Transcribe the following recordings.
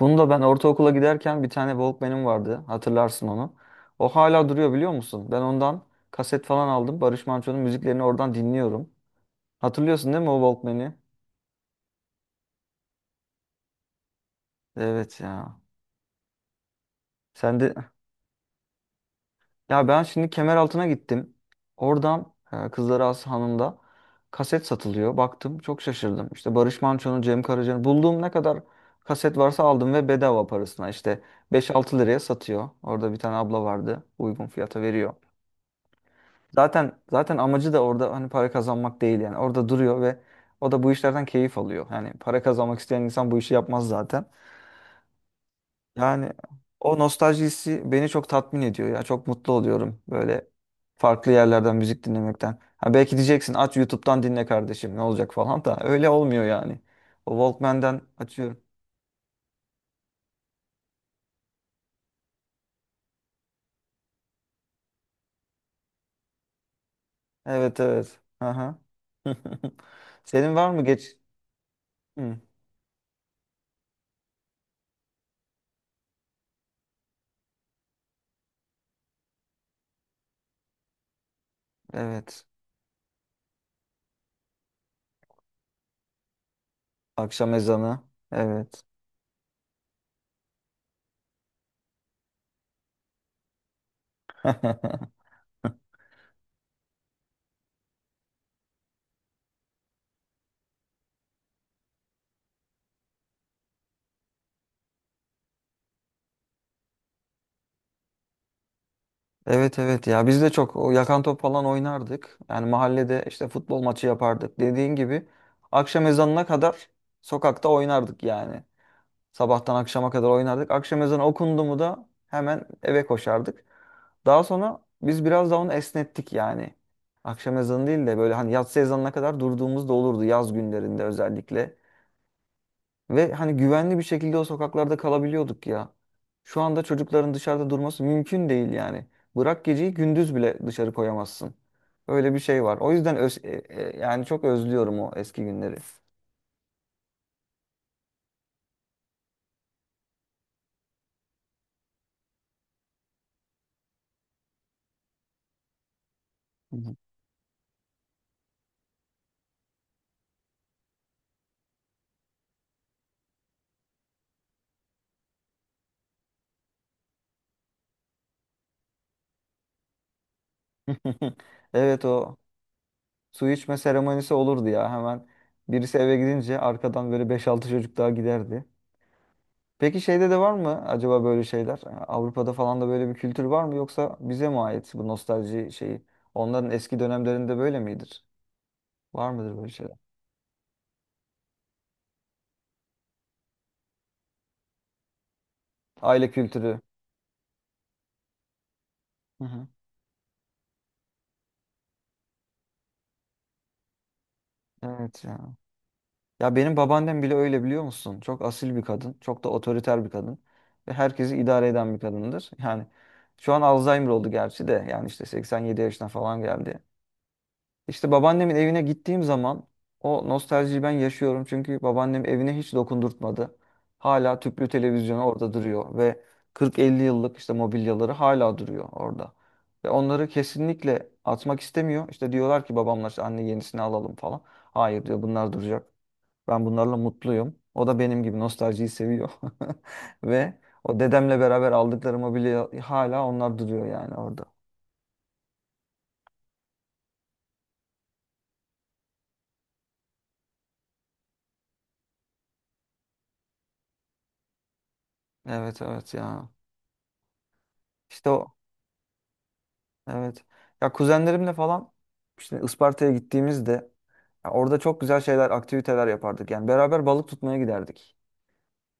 Bunu da ben ortaokula giderken bir tane Walkman'im vardı. Hatırlarsın onu. O hala duruyor biliyor musun? Ben ondan kaset falan aldım. Barış Manço'nun müziklerini oradan dinliyorum. Hatırlıyorsun değil mi o Walkman'i? Evet ya. Sen de ya ben şimdi Kemeraltı'na gittim. Oradan Kızlarağası Hanı'nda kaset satılıyor. Baktım çok şaşırdım. İşte Barış Manço'nun, Cem Karaca'nın bulduğum ne kadar kaset varsa aldım ve bedava parasına işte 5-6 liraya satıyor. Orada bir tane abla vardı. Uygun fiyata veriyor. Zaten amacı da orada hani para kazanmak değil yani. Orada duruyor ve o da bu işlerden keyif alıyor. Yani para kazanmak isteyen insan bu işi yapmaz zaten. Yani o nostaljisi beni çok tatmin ediyor ya. Çok mutlu oluyorum böyle farklı yerlerden müzik dinlemekten. Ha belki diyeceksin aç YouTube'dan dinle kardeşim ne olacak falan da öyle olmuyor yani. O Walkman'den açıyorum. Evet evet. Aha. Senin var mı geç? Hı, evet. Akşam ezanı. Evet. Evet evet ya biz de çok o yakan top falan oynardık. Yani mahallede işte futbol maçı yapardık. Dediğin gibi akşam ezanına kadar sokakta oynardık yani. Sabahtan akşama kadar oynardık. Akşam ezanı okundu mu da hemen eve koşardık. Daha sonra biz biraz daha onu esnettik yani. Akşam ezanı değil de böyle hani yatsı ezanına kadar durduğumuz da olurdu yaz günlerinde özellikle. Ve hani güvenli bir şekilde o sokaklarda kalabiliyorduk ya. Şu anda çocukların dışarıda durması mümkün değil yani. Bırak geceyi gündüz bile dışarı koyamazsın. Öyle bir şey var. O yüzden yani çok özlüyorum o eski günleri. Hı hı. Evet o su içme seremonisi olurdu ya hemen. Birisi eve gidince arkadan böyle beş altı çocuk daha giderdi. Peki şeyde de var mı acaba böyle şeyler? Avrupa'da falan da böyle bir kültür var mı yoksa bize mi ait bu nostalji şeyi? Onların eski dönemlerinde böyle midir? Var mıdır böyle şeyler? Aile kültürü. Hı hı. Evet ya. Ya benim babaannem bile öyle biliyor musun? Çok asil bir kadın. Çok da otoriter bir kadın. Ve herkesi idare eden bir kadındır. Yani şu an Alzheimer oldu gerçi de. Yani işte 87 yaşına falan geldi. İşte babaannemin evine gittiğim zaman o nostaljiyi ben yaşıyorum. Çünkü babaannem evine hiç dokundurtmadı. Hala tüplü televizyonu orada duruyor ve 40-50 yıllık işte mobilyaları hala duruyor orada. Ve onları kesinlikle atmak istemiyor. İşte diyorlar ki babamlar işte anne yenisini alalım falan. Hayır diyor bunlar duracak. Ben bunlarla mutluyum. O da benim gibi nostaljiyi seviyor. Ve o dedemle beraber aldıkları mobilya hala onlar duruyor yani orada. Evet evet ya. İşte o Evet. Ya kuzenlerimle falan işte Isparta'ya gittiğimizde ya orada çok güzel şeyler, aktiviteler yapardık. Yani beraber balık tutmaya giderdik.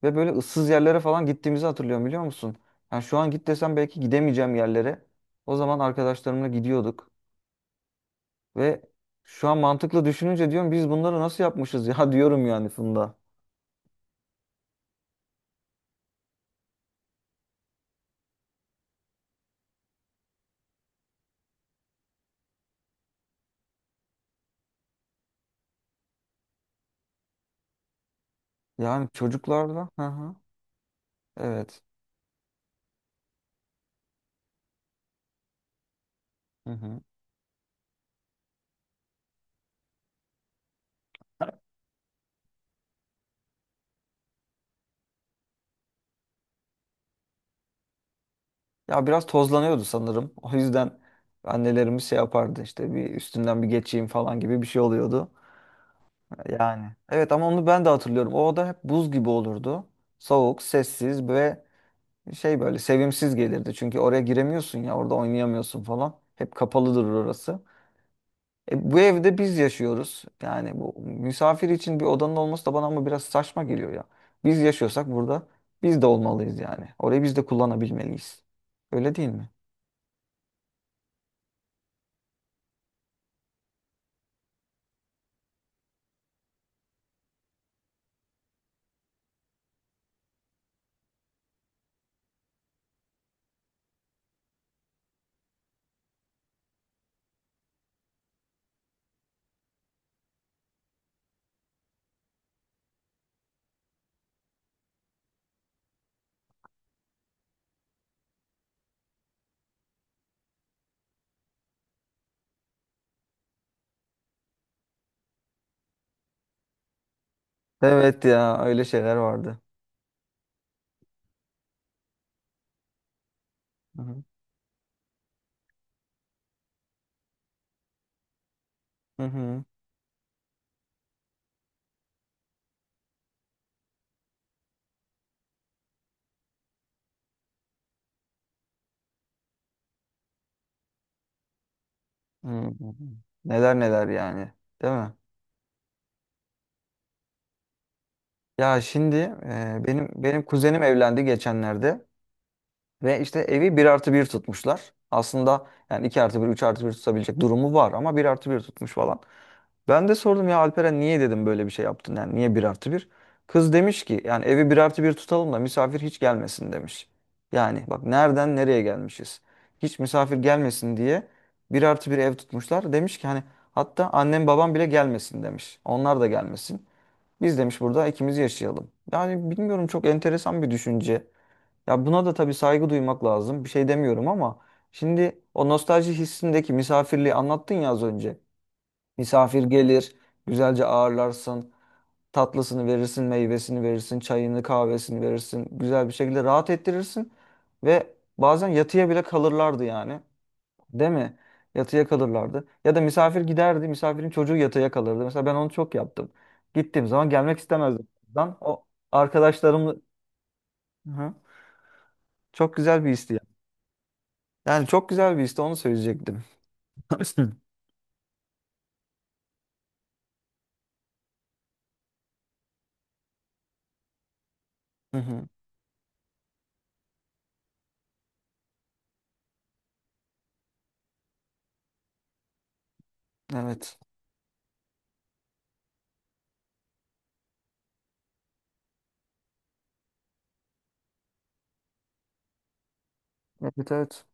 Ve böyle ıssız yerlere falan gittiğimizi hatırlıyorum biliyor musun? Yani şu an git desem belki gidemeyeceğim yerlere. O zaman arkadaşlarımla gidiyorduk. Ve şu an mantıklı düşününce diyorum biz bunları nasıl yapmışız ya diyorum yani Funda. Yani çocuklarla. Hı hı. Evet. Hı hı. Ya biraz tozlanıyordu sanırım. O yüzden annelerimiz şey yapardı işte bir üstünden bir geçeyim falan gibi bir şey oluyordu. Yani. Evet ama onu ben de hatırlıyorum. O oda hep buz gibi olurdu. Soğuk, sessiz ve şey böyle sevimsiz gelirdi. Çünkü oraya giremiyorsun ya orada oynayamıyorsun falan. Hep kapalıdır orası. E, bu evde biz yaşıyoruz. Yani bu misafir için bir odanın olması da bana ama biraz saçma geliyor ya. Biz yaşıyorsak burada biz de olmalıyız yani. Orayı biz de kullanabilmeliyiz. Öyle değil mi? Evet ya öyle şeyler vardı. Hı hı. Hı hı. Hı hı. Neler neler yani, değil mi? Ya şimdi benim kuzenim evlendi geçenlerde. Ve işte evi bir artı bir tutmuşlar. Aslında yani 2 artı bir, 3 artı bir tutabilecek durumu var ama bir artı bir tutmuş falan. Ben de sordum ya Alperen niye dedim böyle bir şey yaptın yani niye bir artı bir? Kız demiş ki yani evi bir artı bir tutalım da misafir hiç gelmesin demiş. Yani bak nereden nereye gelmişiz. Hiç misafir gelmesin diye bir artı bir ev tutmuşlar. Demiş ki hani hatta annem babam bile gelmesin demiş. Onlar da gelmesin. Biz demiş burada ikimiz yaşayalım. Yani bilmiyorum çok enteresan bir düşünce. Ya buna da tabii saygı duymak lazım. Bir şey demiyorum ama şimdi o nostalji hissindeki misafirliği anlattın ya az önce. Misafir gelir, güzelce ağırlarsın, tatlısını verirsin, meyvesini verirsin, çayını, kahvesini verirsin. Güzel bir şekilde rahat ettirirsin ve bazen yatıya bile kalırlardı yani. Değil mi? Yatıya kalırlardı. Ya da misafir giderdi, misafirin çocuğu yatıya kalırdı. Mesela ben onu çok yaptım. Gittiğim zaman gelmek istemezdim. Ben o arkadaşlarımla Hı hı. çok güzel bir histi Yani çok güzel bir işte onu söyleyecektim. Hı hı. Evet. Evet evet.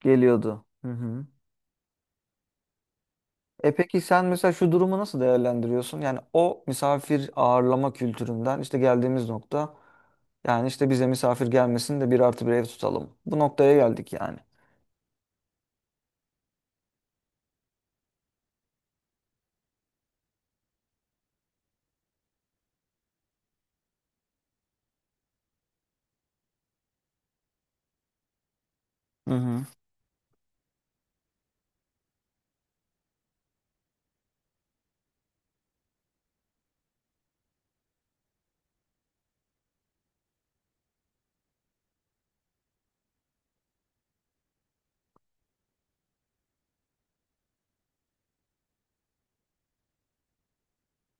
Geliyordu. Hı hı. E peki sen mesela şu durumu nasıl değerlendiriyorsun? Yani o misafir ağırlama kültüründen işte geldiğimiz nokta yani işte bize misafir gelmesin de bir artı bir ev tutalım. Bu noktaya geldik yani. Hı hı.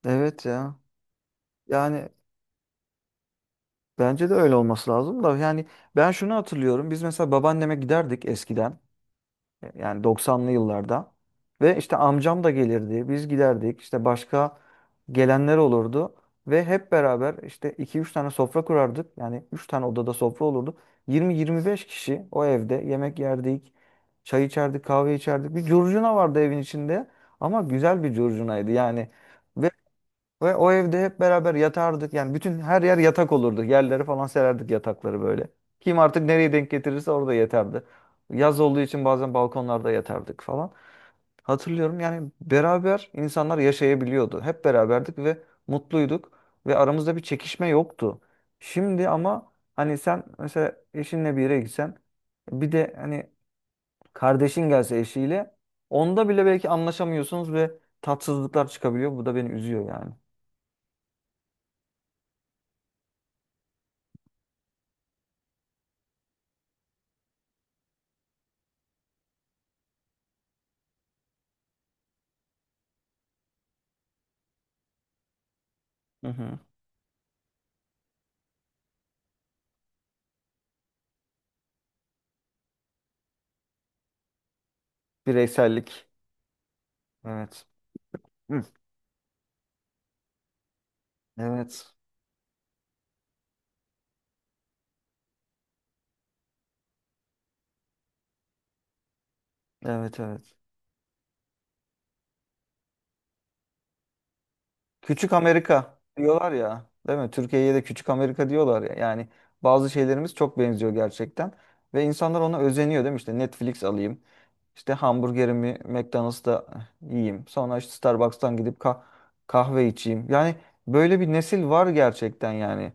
Evet ya. Yani bence de öyle olması lazım da yani ben şunu hatırlıyorum. Biz mesela babaanneme giderdik eskiden. Yani 90'lı yıllarda. Ve işte amcam da gelirdi. Biz giderdik. İşte başka gelenler olurdu. Ve hep beraber işte iki üç tane sofra kurardık. Yani 3 tane odada sofra olurdu. 20-25 kişi o evde yemek yerdik. Çay içerdik, kahve içerdik. Bir curcuna vardı evin içinde. Ama güzel bir curcunaydı yani. Ve o evde hep beraber yatardık. Yani bütün her yer yatak olurdu. Yerlere falan sererdik yatakları böyle. Kim artık nereye denk getirirse orada yatardı. Yaz olduğu için bazen balkonlarda yatardık falan. Hatırlıyorum yani beraber insanlar yaşayabiliyordu. Hep beraberdik ve mutluyduk ve aramızda bir çekişme yoktu. Şimdi ama hani sen mesela eşinle bir yere gitsen bir de hani kardeşin gelse eşiyle onda bile belki anlaşamıyorsunuz ve tatsızlıklar çıkabiliyor. Bu da beni üzüyor yani. Hı hı. Bireysellik. Evet. Hı. Evet. Evet evet. Küçük Amerika diyorlar ya, değil mi? Türkiye'ye de Küçük Amerika diyorlar ya. Yani bazı şeylerimiz çok benziyor gerçekten. Ve insanlar ona özeniyor değil mi? İşte Netflix alayım. İşte hamburgerimi McDonald's'ta yiyeyim. Sonra işte Starbucks'tan gidip kahve içeyim. Yani böyle bir nesil var gerçekten yani.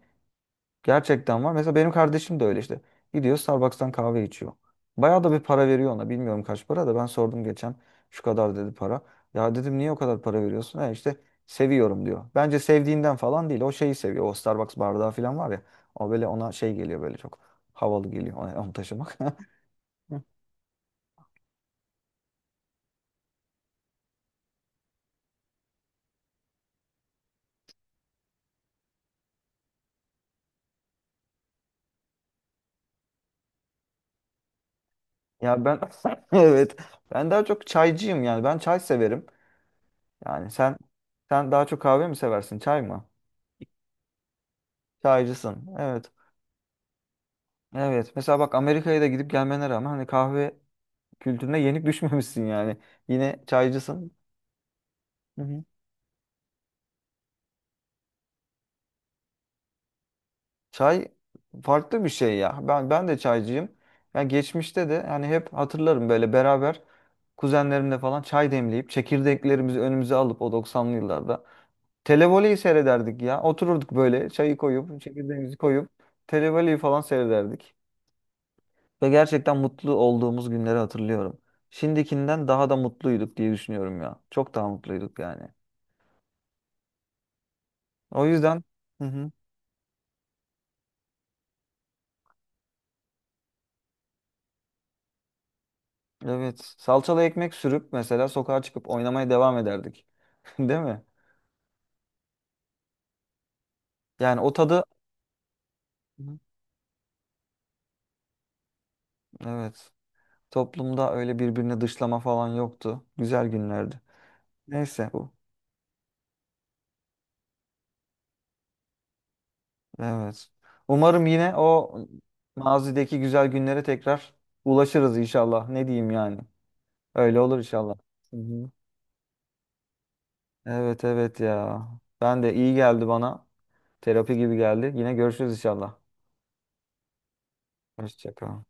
Gerçekten var. Mesela benim kardeşim de öyle işte. Gidiyor Starbucks'tan kahve içiyor. Bayağı da bir para veriyor ona. Bilmiyorum kaç para da ben sordum geçen. Şu kadar dedi para. Ya dedim niye o kadar para veriyorsun? E işte seviyorum diyor. Bence sevdiğinden falan değil. O şeyi seviyor. O Starbucks bardağı falan var ya. O böyle ona şey geliyor böyle çok havalı geliyor onu taşımak. Hı. Ya ben evet. Ben daha çok çaycıyım yani. Ben çay severim. Yani sen daha çok kahve mi seversin? Çay mı? Çaycısın. Evet. Evet. Mesela bak Amerika'ya da gidip gelmene rağmen hani kahve kültürüne yenik düşmemişsin yani. Yine çaycısın. Hı hı. Çay farklı bir şey ya. Ben de çaycıyım. Yani geçmişte de yani hep hatırlarım böyle beraber kuzenlerimle falan çay demleyip çekirdeklerimizi önümüze alıp o 90'lı yıllarda televoleyi seyrederdik ya. Otururduk böyle çayı koyup çekirdeğimizi koyup televoleyi falan seyrederdik. Ve gerçekten mutlu olduğumuz günleri hatırlıyorum. Şimdikinden daha da mutluyduk diye düşünüyorum ya. Çok daha mutluyduk yani. O yüzden hı hı, evet salçalı ekmek sürüp mesela sokağa çıkıp oynamaya devam ederdik. Değil mi? Yani o tadı Hı hı. evet. Toplumda öyle birbirini dışlama falan yoktu. Güzel günlerdi. Neyse bu. Evet. Umarım yine o mazideki güzel günlere tekrar ulaşırız inşallah. Ne diyeyim yani. Öyle olur inşallah. Hı hı. Evet evet ya. Ben de iyi geldi bana. Terapi gibi geldi. Yine görüşürüz inşallah. Hoşça kal.